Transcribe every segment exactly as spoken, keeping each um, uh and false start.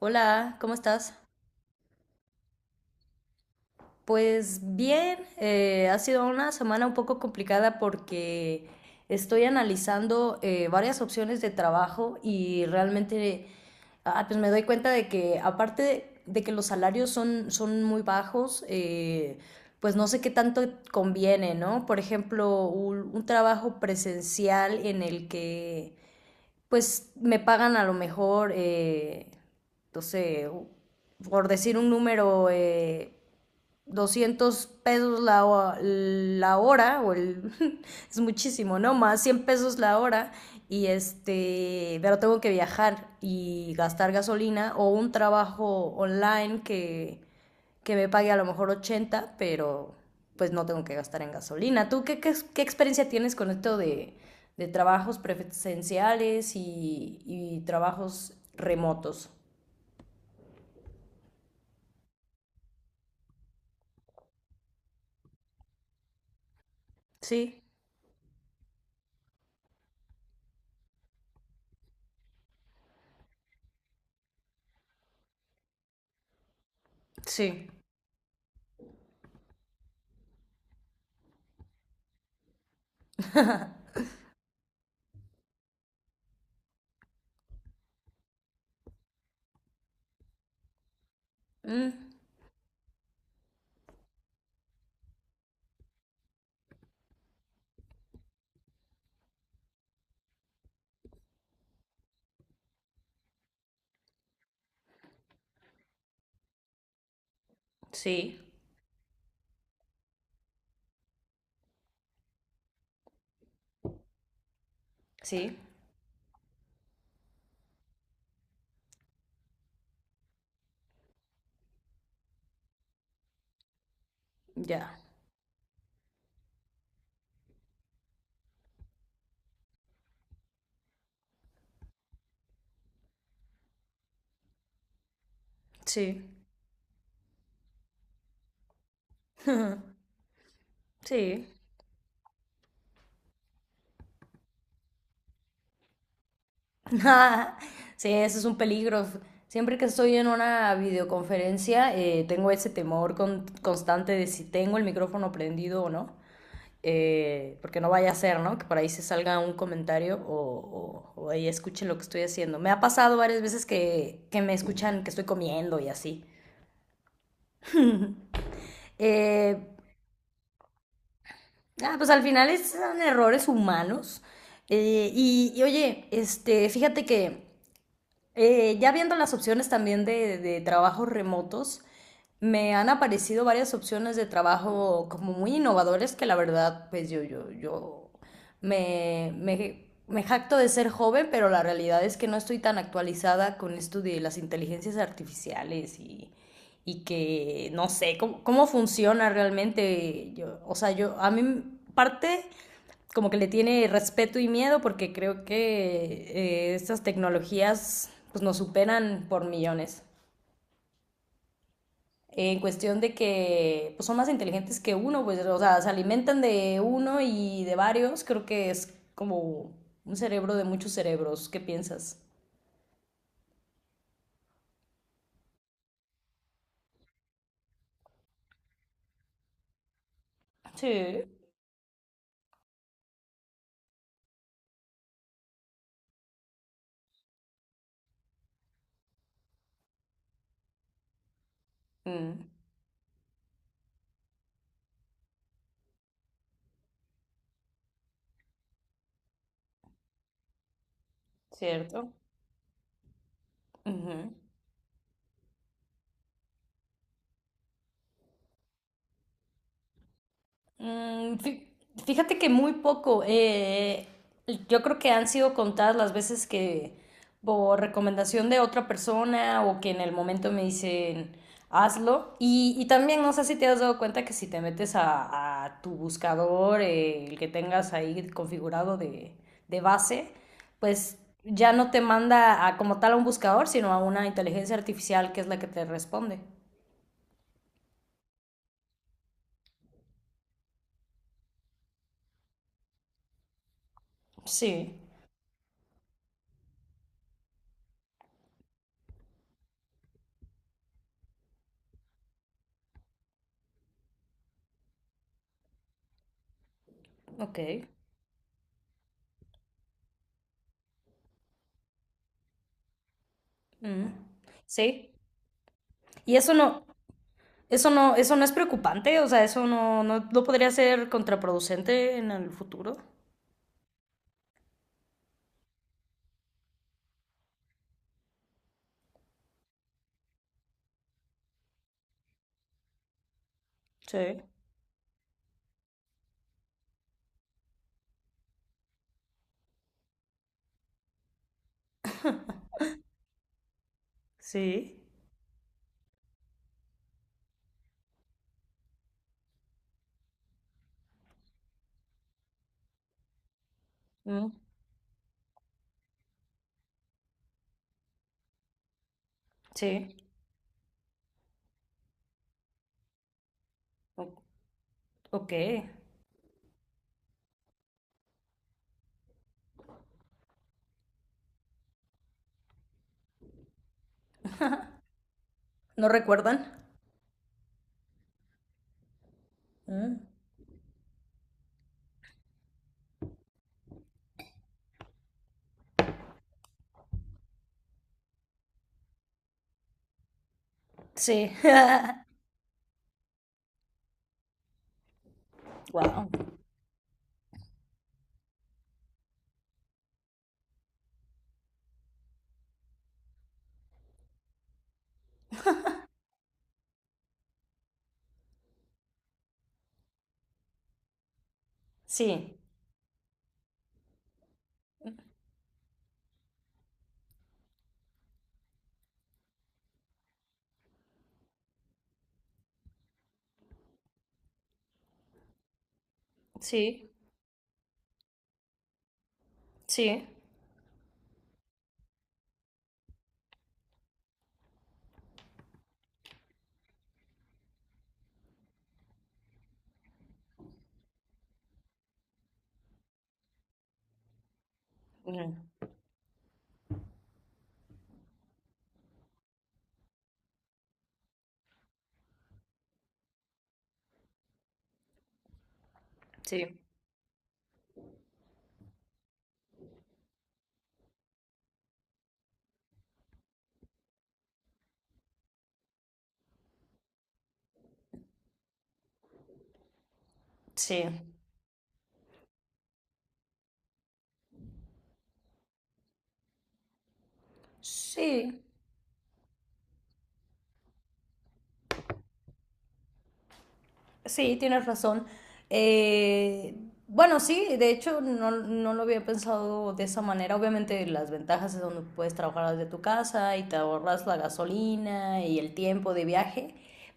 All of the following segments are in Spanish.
Hola, ¿cómo estás? Pues bien, eh, ha sido una semana un poco complicada porque estoy analizando eh, varias opciones de trabajo, y realmente ah, pues me doy cuenta de que aparte de, de que los salarios son, son muy bajos, eh, pues no sé qué tanto conviene, ¿no? Por ejemplo, un un trabajo presencial en el que pues me pagan a lo mejor, eh, no sé, por decir un número, eh, doscientos pesos la, ho- la hora, o el, es muchísimo, ¿no? Más cien pesos la hora, y este, pero tengo que viajar y gastar gasolina, o un trabajo online que que me pague a lo mejor ochenta, pero pues no tengo que gastar en gasolina. ¿Tú qué, qué, qué experiencia tienes con esto de, de trabajos presenciales y, y, trabajos remotos? Sí, sí. Mm. Sí, sí, ya, sí, sí. Sí, eso es un peligro. Siempre que estoy en una videoconferencia, eh, tengo ese temor con, constante de si tengo el micrófono prendido o no. Eh, porque no vaya a ser, ¿no? Que por ahí se salga un comentario o, o, o ahí escuchen lo que estoy haciendo. Me ha pasado varias veces que, que me escuchan que estoy comiendo y así. Eh, ah, pues al final son errores humanos. Eh, y, y oye, este, fíjate que Eh, ya viendo las opciones también de, de trabajos remotos, me han aparecido varias opciones de trabajo como muy innovadores, que la verdad, pues yo, yo, yo me, me, me jacto de ser joven, pero la realidad es que no estoy tan actualizada con esto de las inteligencias artificiales, y, y que no sé cómo, cómo funciona realmente. Yo, o sea, yo, a mí parte como que le tiene respeto y miedo, porque creo que eh, estas tecnologías pues nos superan por millones. En cuestión de que pues, son más inteligentes que uno, pues, o sea, se alimentan de uno y de varios. Creo que es como un cerebro de muchos cerebros. ¿Qué piensas? Sí. Mm, cierto. Uh -huh. Mm, fí- Fíjate que muy poco. Eh, yo creo que han sido contadas las veces que por recomendación de otra persona, o que en el momento me dicen hazlo. Y, y también no sé si te has dado cuenta que si te metes a, a tu buscador, eh, el que tengas ahí configurado de, de base, pues ya no te manda a, como tal, a un buscador, sino a una inteligencia artificial que es la que te responde. Sí, ok. Mm. Sí. Y eso no, Eso no, eso no es preocupante, o sea, eso no, no, no podría ser contraproducente en el futuro. Sí, sí. Mm. Sí. o- ok. ¿No recuerdan? Mm. Sí. Wow. Sí, sí, sí. Mm. Sí, sí, sí. Sí, tienes razón. Eh, bueno, sí, de hecho no, no lo había pensado de esa manera. Obviamente las ventajas es donde puedes trabajar desde tu casa y te ahorras la gasolina y el tiempo de viaje,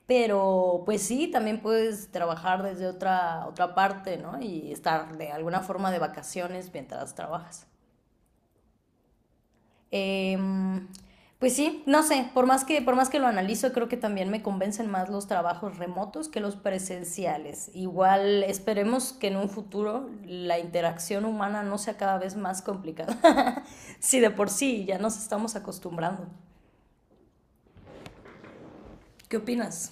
pero pues sí, también puedes trabajar desde otra, otra parte, ¿no? Y estar de alguna forma de vacaciones mientras trabajas. Em, pues sí, no sé, por más que, por más que lo analizo, creo que también me convencen más los trabajos remotos que los presenciales. Igual esperemos que en un futuro la interacción humana no sea cada vez más complicada, si de por sí ya nos estamos acostumbrando. ¿Qué opinas?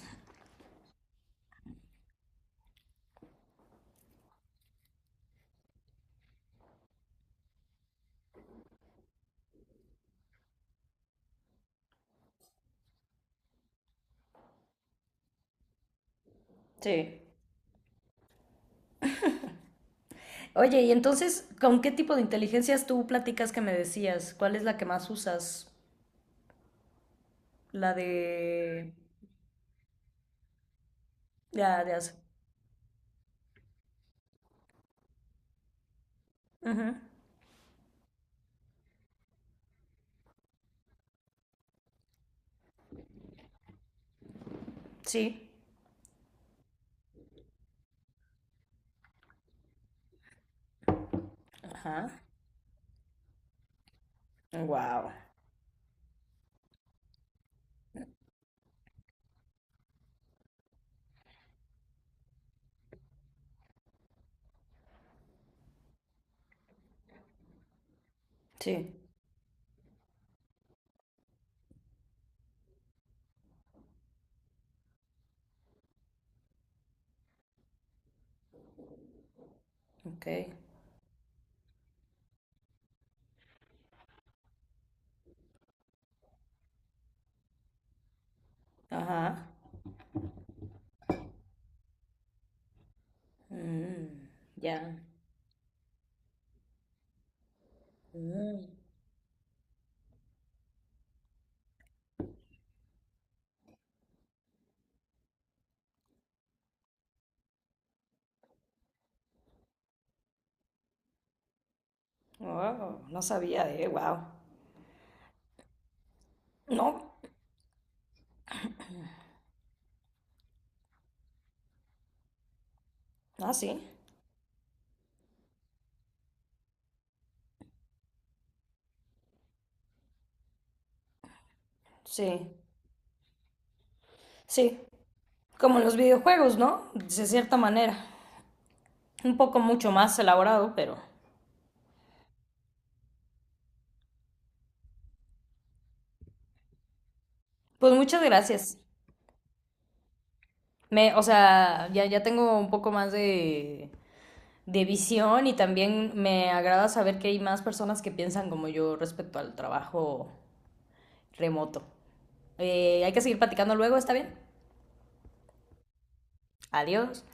Sí. Oye, y entonces, ¿con qué tipo de inteligencias tú platicas, que me decías? ¿Cuál es la que más usas? La de... La de... hace- Sí. Ajá. Wow. Sí. Ok. Ajá. Mm, ya. Mm. Wow, no sabía, de, wow. No. Ah, sí. Sí. Sí. Como en los videojuegos, ¿no? De cierta manera. Un poco mucho más elaborado, pero. Pues muchas gracias. Me, o sea, ya, ya tengo un poco más de, de visión, y también me agrada saber que hay más personas que piensan como yo respecto al trabajo remoto. Eh, hay que seguir platicando luego, ¿está bien? Adiós.